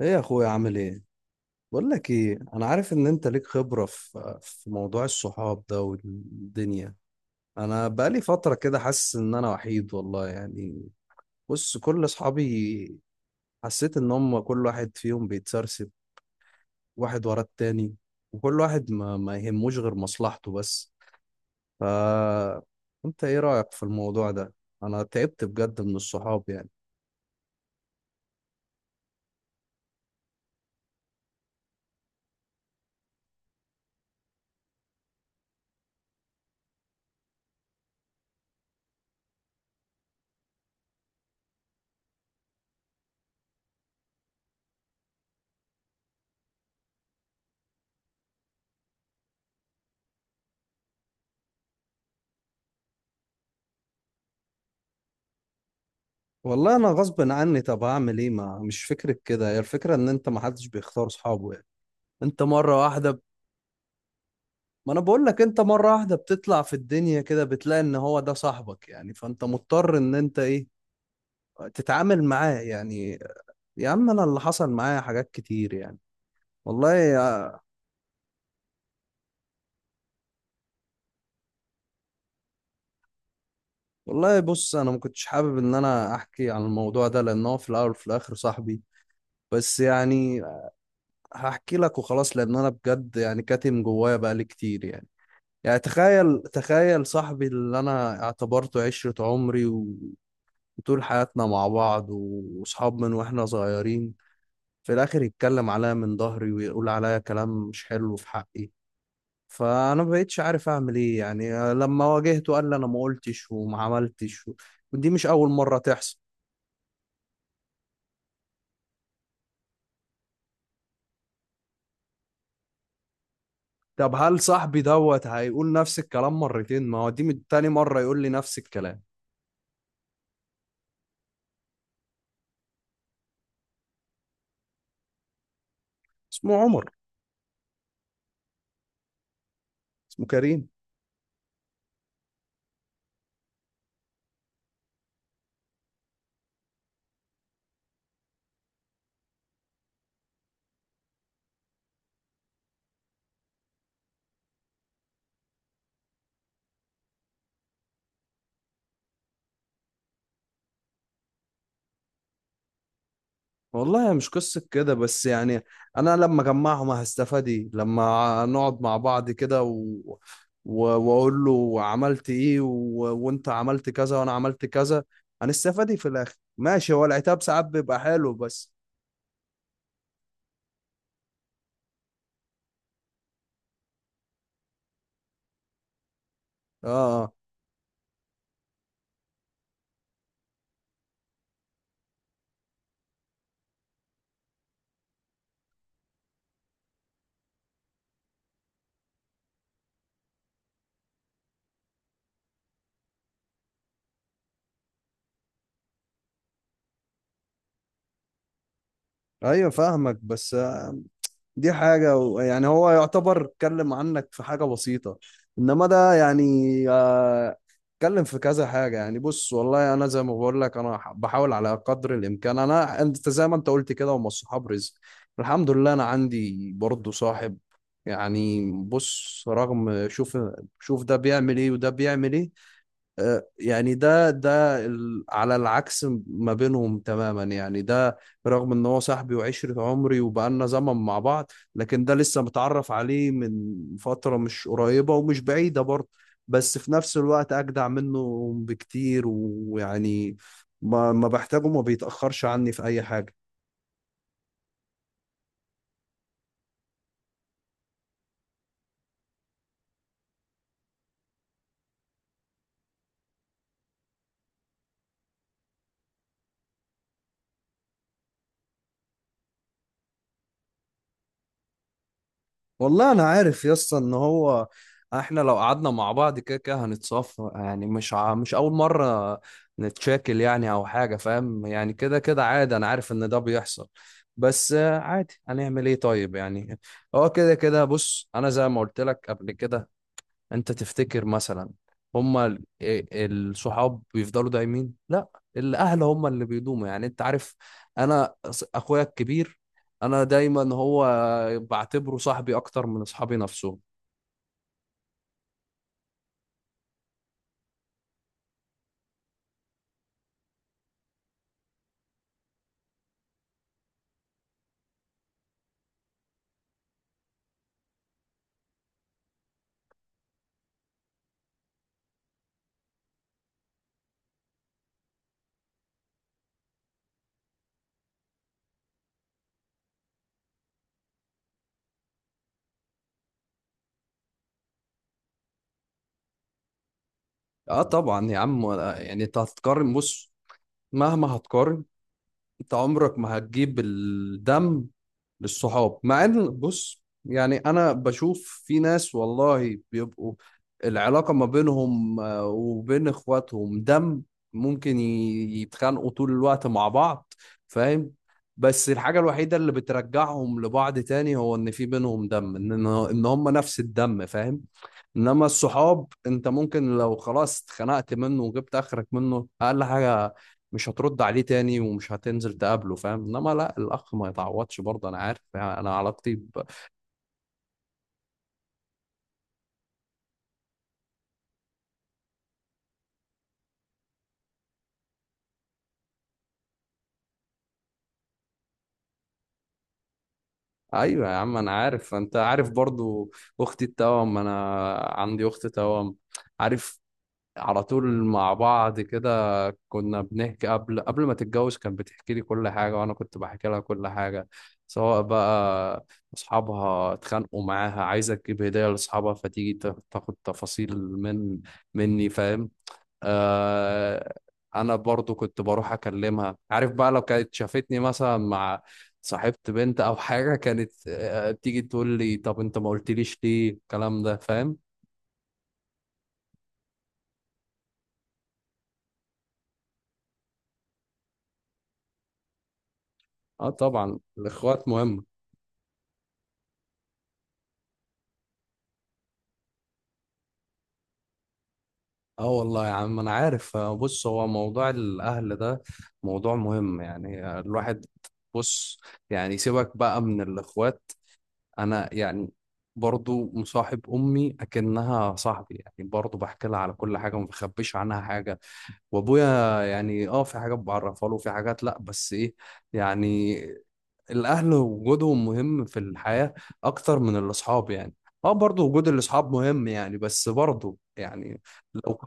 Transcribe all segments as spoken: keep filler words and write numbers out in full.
ايه يا اخويا، عامل ايه؟ بقول لك ايه، انا عارف ان انت ليك خبرة في في موضوع الصحاب ده والدنيا. انا بقالي فترة كده حاسس ان انا وحيد والله يعني. بص، كل اصحابي حسيت ان هم كل واحد فيهم بيتسرسب واحد ورا التاني. وكل واحد ما, ما يهموش غير مصلحته بس. ف انت ايه رأيك في الموضوع ده؟ انا تعبت بجد من الصحاب يعني. والله انا غصب عني، طب هعمل ايه؟ ما مش فكرة كده، هي الفكرة ان انت ما حدش بيختار صحابه. انت مرة واحدة ب- ما انا بقول لك، انت مرة واحدة بتطلع في الدنيا كده بتلاقي ان هو ده صاحبك، يعني فانت مضطر ان انت ايه تتعامل معاه يعني. يا عم، انا اللي حصل معايا حاجات كتير يعني. والله يا. والله بص، انا ما كنتش حابب ان انا احكي عن الموضوع ده لان هو في الاول وفي الاخر صاحبي. بس يعني هحكي لك وخلاص، لان انا بجد يعني كاتم جوايا بقالي كتير يعني. يعني تخيل، تخيل صاحبي اللي انا اعتبرته عشرة عمري، طول حياتنا مع بعض وصحاب من واحنا صغيرين، في الاخر يتكلم عليا من ظهري ويقول عليا كلام مش حلو في حقي. فانا ما بقتش عارف اعمل ايه يعني، لما واجهته قال لي انا ما قلتش وما عملتش و... ودي مش اول مرة تحصل. طب هل صاحبي دوت هيقول نفس الكلام مرتين؟ ما هو دي من تاني مرة يقول لي نفس الكلام. اسمه عمر. اسمه كريم. والله هي مش قصة كده بس يعني، أنا لما أجمعهم هستفاد إيه؟ لما نقعد مع بعض كده و... و... وأقول له عملت إيه و... وأنت عملت كذا وأنا عملت كذا، هنستفاد إيه في الآخر؟ ماشي، هو العتاب ساعات بيبقى حلو، بس. آه، آه. أيوه، فاهمك، بس دي حاجة و- يعني هو يعتبر اتكلم عنك في حاجة بسيطة، انما ده يعني آه، اتكلم في كذا حاجة. يعني بص والله انا زي ما بقول لك انا ح- بحاول على قدر الامكان. انا انت زي ما انت قلت كده هم الصحاب رزق. الحمد لله انا عندي برضو صاحب. يعني بص، رغم، شوف، شوف ده بيعمل ايه وده بيعمل ايه. آه، يعني ده ده ال- على العكس ما بينهم تماما يعني. ده رغم ان هو صاحبي وعشرة عمري وبقالنا زمن مع بعض، لكن ده لسه متعرف عليه من فترة مش قريبة ومش بعيدة برضه، بس في نفس الوقت اجدع منه بكتير ويعني ما ما بحتاجه ما بيتأخرش عني في اي حاجة. والله انا عارف يا اسطى ان هو، احنا لو قعدنا مع بعض كده كده هنتصافى يعني، مش ع... مش اول مره نتشاكل يعني او حاجه، فاهم. يعني كده كده عادي، انا عارف ان ده بيحصل. بس آه، عادي، هنعمل ايه طيب يعني؟ هو كده كده. بص، انا زي ما قلت لك قبل كده، انت تفتكر مثلا هما ال- ال- الصحاب بيفضلوا دايمين؟ لا، الاهل هما اللي بيدوموا يعني، انت عارف. انا أص- اخويا الكبير، انا دايما هو بعتبره صاحبي اكتر من اصحابي نفسهم. اه طبعا يا عم. آه، يعني انت هتقارن، بص، مهما هتقارن انت عمرك ما هتجيب الدم للصحاب. مع ان بص، يعني انا بشوف في ناس والله بيبقوا العلاقة ما بينهم آه، وبين اخواتهم دم، ممكن ي- يتخانقوا طول الوقت مع بعض، فاهم. بس الحاجة الوحيدة اللي بترجعهم لبعض تاني هو ان في بينهم دم، ان ان هم نفس الدم، فاهم. انما الصحاب، انت ممكن لو خلاص اتخنقت منه وجبت اخرك منه، اقل حاجه مش هترد عليه تاني ومش هتنزل تقابله، فاهم. انما لا، الاخ ما يتعوضش برضه، انا عارف يعني انا علاقتي ب... ايوه يا عم، انا عارف، انت عارف برضه. اختي التوأم، انا عندي اخت توأم، عارف، على طول مع بعض كده، كنا بنحكي قبل قبل ما تتجوز كانت بتحكي لي كل حاجة وأنا كنت بحكي لها كل حاجة، سواء بقى أصحابها اتخانقوا معاها، عايزة تجيب هدية لأصحابها فتيجي تا- تاخد تفاصيل من مني، فاهم. آه. أنا برضو كنت بروح أكلمها، عارف بقى لو كانت شافتني مثلا مع صاحبت بنت أو حاجة، كانت آه، تيجي تقول لي طب أنت ما قلتليش ليه الكلام ده، فاهم. اه طبعا، الاخوات مهم. اه والله يا عم انا عارف. آه، بص، هو موضوع الاهل ده موضوع مهم يعني. آه، الواحد، بص، يعني سيبك بقى من الاخوات. انا يعني برضو مصاحب امي اكنها صاحبي، يعني برضو بحكي لها على كل حاجه وما بخبيش عنها حاجه. وابويا يعني اه، في حاجات بعرفها له في حاجات لا، بس ايه يعني، الاهل وجودهم مهم في الحياه اكتر من الاصحاب يعني. اه برضو وجود الاصحاب مهم يعني، بس برضو يعني لو.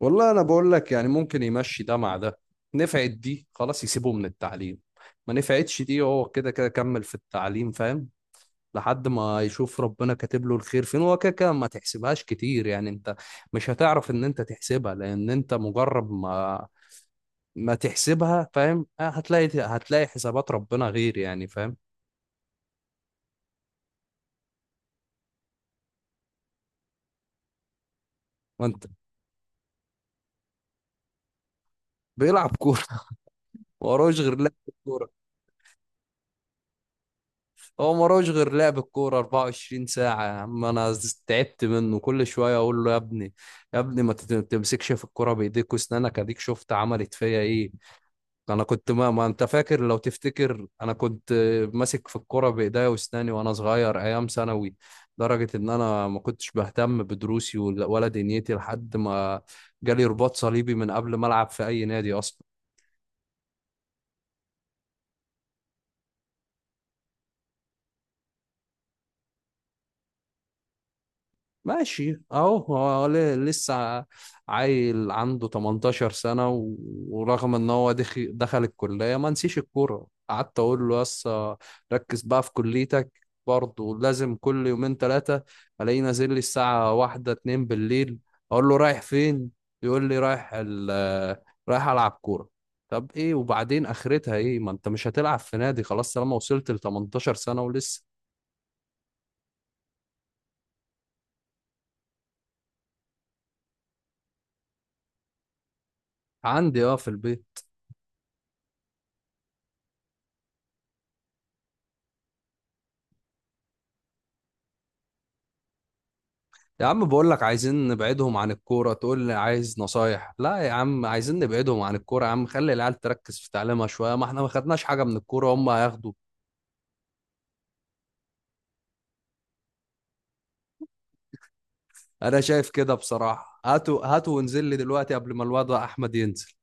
والله انا بقول لك يعني، ممكن يمشي ده مع ده. نفعت دي خلاص يسيبه من التعليم، ما نفعتش دي هو كده كده كمل في التعليم، فاهم. لحد ما يشوف ربنا كاتب له الخير فين، هو كده كده ما تحسبهاش كتير يعني، انت مش هتعرف ان انت تحسبها لان انت مجرد ما ما تحسبها، فاهم. آه، هتلاقي هتلاقي حسابات ربنا غير يعني، فاهم. وانت. بيلعب كوره. ما وراهوش غير لعب. هو ملوش غير لعب الكورة 24 ساعة. يا عم أنا ز- تعبت منه، كل شوية أقول له يا ابني، يا ابني ما تت- تمسكش في الكورة بإيديك وأسنانك، أديك شفت عملت فيا إيه. أنا كنت ما, ما أنت فاكر؟ لو تفتكر أنا كنت ماسك في الكورة بإيديا وأسناني وأنا صغير أيام ثانوي، لدرجة إن أنا ما كنتش بهتم بدروسي ولا ولا دنيتي لحد ما جالي رباط صليبي من قبل ما ألعب في أي نادي أصلا. ماشي اهو، هو ل- لسه عيل عنده 18 سنة و- ورغم ان هو دخ- دخل الكلية ما نسيش الكورة، قعدت اقول له يس ركز بقى في كليتك، برضه لازم كل يومين ثلاثة الاقيه نازل لي الساعة واحدة اتنين بالليل. اقول له رايح فين؟ يقول لي رايح ال- رايح العب كورة. طب ايه وبعدين اخرتها ايه؟ ما انت مش هتلعب في نادي خلاص طالما وصلت ل 18 سنة ولسه. عندي اه، في البيت. يا عم بقول لك عايزين نبعدهم عن الكورة، تقول لي عايز نصايح؟ لا يا عم عايزين نبعدهم عن الكورة، يا عم خلي العيال تركز في تعليمها شوية، ما احنا ما خدناش حاجة من الكورة هم هياخدوا. انا شايف كده بصراحة، هاتوا هاتوا وانزل لي دلوقتي قبل ما الواد احمد ينزل.